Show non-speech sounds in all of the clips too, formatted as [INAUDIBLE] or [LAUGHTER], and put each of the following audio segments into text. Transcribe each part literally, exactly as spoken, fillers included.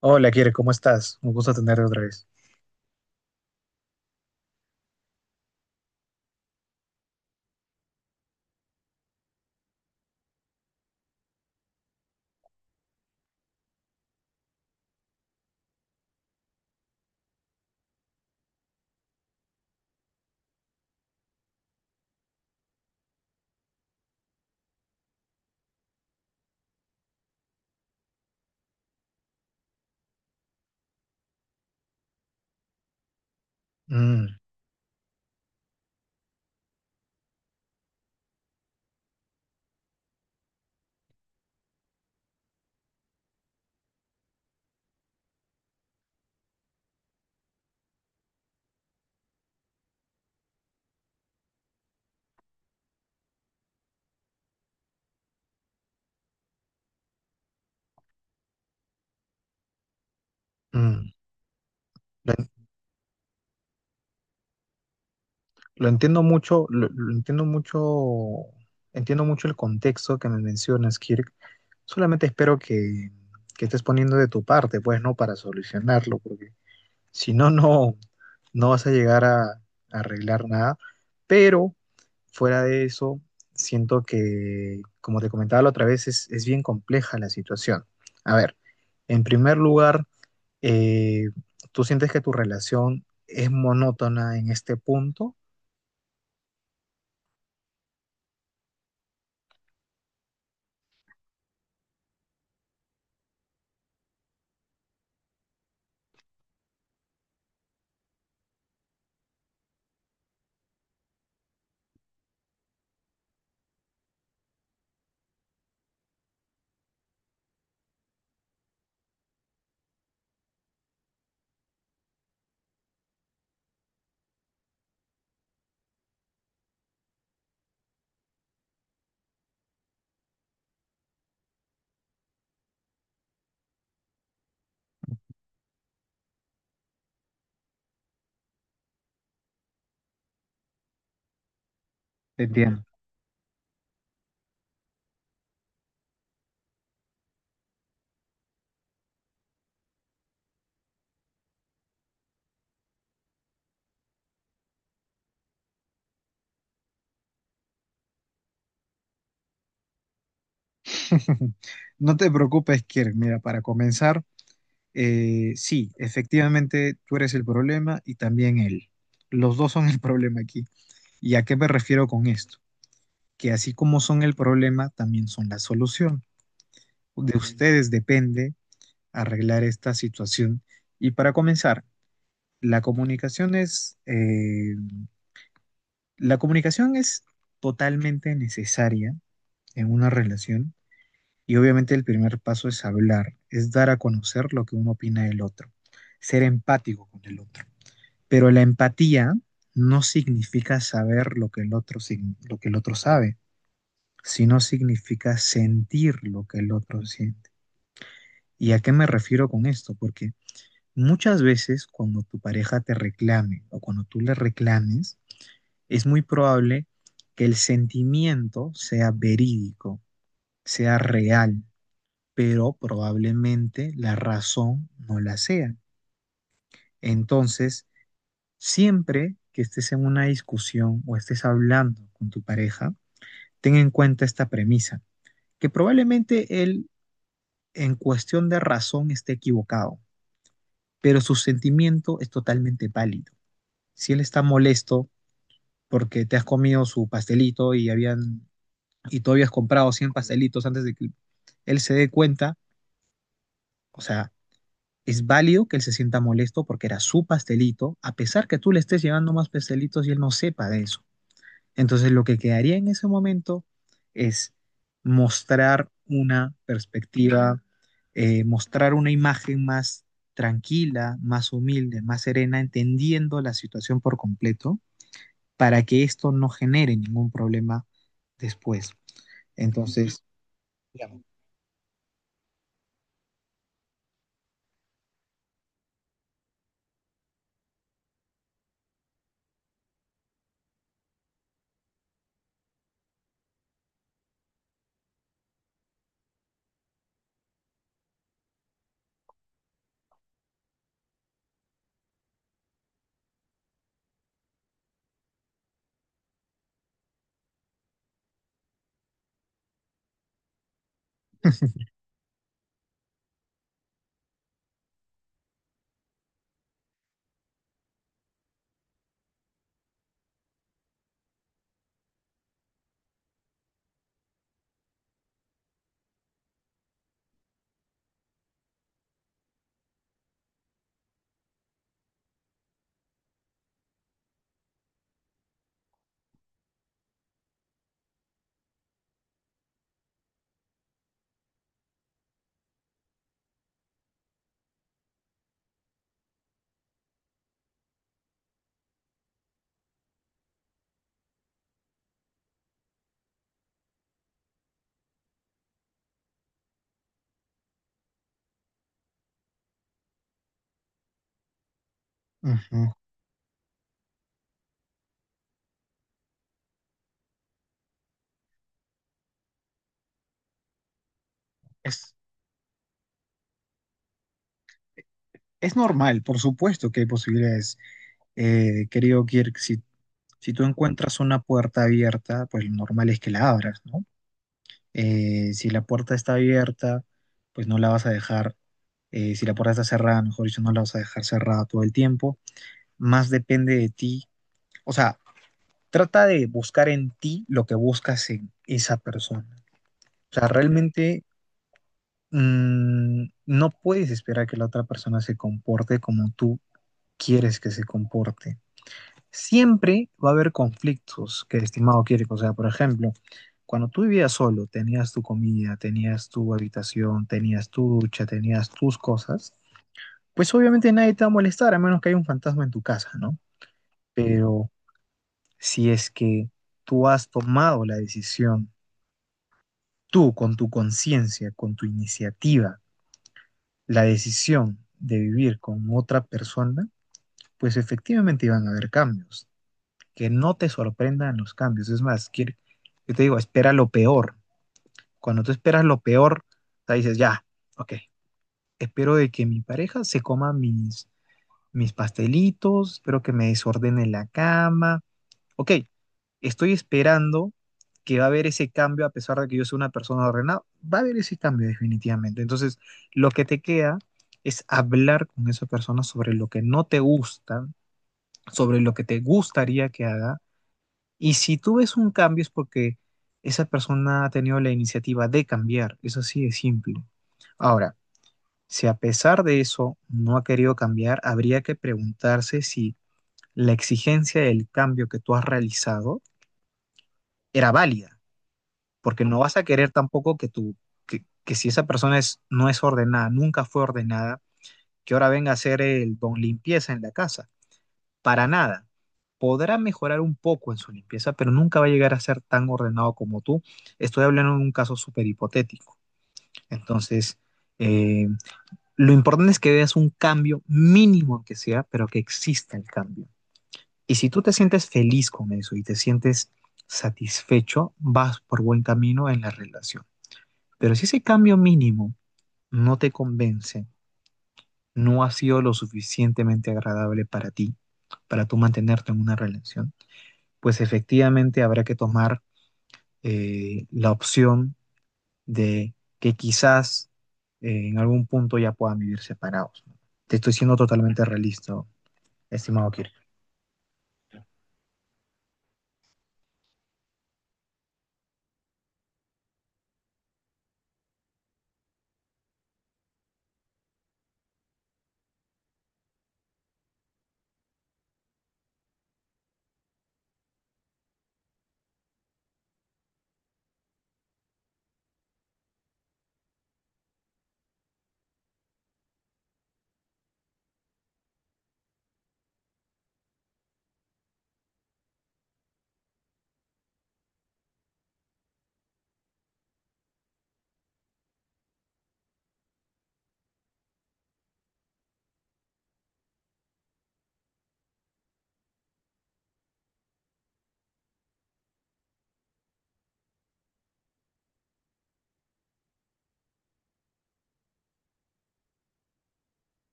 Hola, Kire, ¿cómo estás? Un gusto tenerte otra vez. Mm. Mm. Lo, en- lo entiendo mucho, lo, lo entiendo mucho, entiendo mucho el contexto que me mencionas, Kirk. Solamente espero que, que estés poniendo de tu parte, pues, ¿no? Para solucionarlo, porque si no, no, no vas a llegar a, a arreglar nada. Pero fuera de eso, siento que, como te comentaba la otra vez, es, es bien compleja la situación. A ver, en primer lugar. eh, ¿Tú sientes que tu relación es monótona en este punto? Te entiendo. [LAUGHS] No te preocupes, Kirk. Mira, para comenzar, eh, sí, efectivamente tú eres el problema y también él. Los dos son el [LAUGHS] problema aquí. ¿Y a qué me refiero con esto? Que así como son el problema, también son la solución. De ustedes depende arreglar esta situación. Y para comenzar, la comunicación es eh, La comunicación es totalmente necesaria en una relación y obviamente el primer paso es hablar, es dar a conocer lo que uno opina del otro, ser empático con el otro. Pero la empatía no significa saber lo que el otro, sig- lo que el otro sabe, sino significa sentir lo que el otro siente. ¿Y a qué me refiero con esto? Porque muchas veces cuando tu pareja te reclame o cuando tú le reclames, es muy probable que el sentimiento sea verídico, sea real, pero probablemente la razón no la sea. Entonces, siempre que estés en una discusión o estés hablando con tu pareja, ten en cuenta esta premisa, que probablemente él en cuestión de razón esté equivocado, pero su sentimiento es totalmente válido. Si él está molesto porque te has comido su pastelito y habían y tú habías comprado cien pastelitos antes de que él se dé cuenta, o sea, es válido que él se sienta molesto porque era su pastelito, a pesar que tú le estés llevando más pastelitos y él no sepa de eso. Entonces lo que quedaría en ese momento es mostrar una perspectiva, eh, mostrar una imagen más tranquila, más humilde, más serena, entendiendo la situación por completo para que esto no genere ningún problema después. Entonces, uh -huh, es, Es normal, por supuesto que hay posibilidades. Eh, querido Kirk, si, si tú encuentras una puerta abierta, pues lo normal es que la abras, ¿no? Eh, si la puerta está abierta, pues no la vas a dejar. Eh, si la puerta está cerrada, mejor dicho, no la vas a dejar cerrada todo el tiempo. Más depende de ti. O sea, trata de buscar en ti lo que buscas en esa persona. O sea, realmente mm, no puedes esperar que la otra persona se comporte como tú quieres que se comporte. Siempre va a haber conflictos que el estimado quiere. O sea, por ejemplo, cuando tú vivías solo, tenías tu comida, tenías tu habitación, tenías tu ducha, tenías tus cosas, pues obviamente nadie te va a molestar, a menos que haya un fantasma en tu casa, ¿no? Pero si es que tú has tomado la decisión, tú con tu conciencia, con tu iniciativa, la decisión de vivir con otra persona, pues efectivamente iban a haber cambios. Que no te sorprendan los cambios. Es más, quiere- yo te digo, espera lo peor. Cuando tú esperas lo peor, o sea, dices, ya, ok, espero de que mi pareja se coma mis, mis pastelitos, espero que me desordene la cama. Ok, estoy esperando que va a haber ese cambio, a pesar de que yo soy una persona ordenada, va a haber ese cambio definitivamente. Entonces, lo que te queda es hablar con esa persona sobre lo que no te gusta, sobre lo que te gustaría que haga y si tú ves un cambio es porque esa persona ha tenido la iniciativa de cambiar, eso sí es simple. Ahora, si a pesar de eso no ha querido cambiar, habría que preguntarse si la exigencia del cambio que tú has realizado era válida, porque no vas a querer tampoco que tú, que, que si esa persona es, no es ordenada, nunca fue ordenada, que ahora venga a ser el don limpieza en la casa. Para nada. Podrá mejorar un poco en su limpieza, pero nunca va a llegar a ser tan ordenado como tú. Estoy hablando de un caso súper hipotético. Entonces, eh, lo importante es que veas un cambio mínimo que sea, pero que exista el cambio. Y si tú te sientes feliz con eso y te sientes satisfecho, vas por buen camino en la relación. Pero si ese cambio mínimo no te convence, no ha sido lo suficientemente agradable para ti, para tú mantenerte en una relación, pues efectivamente habrá que tomar eh, la opción de que quizás eh, en algún punto ya puedan vivir separados. Te estoy siendo totalmente realista, estimado Kirk.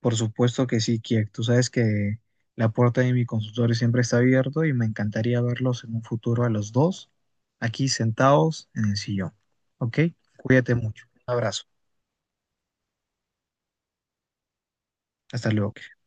Por supuesto que sí, Kirk. Tú sabes que la puerta de mi consultorio siempre está abierta y me encantaría verlos en un futuro a los dos aquí sentados en el sillón. ¿Ok? Cuídate mucho. Un abrazo. Hasta luego, Kirk.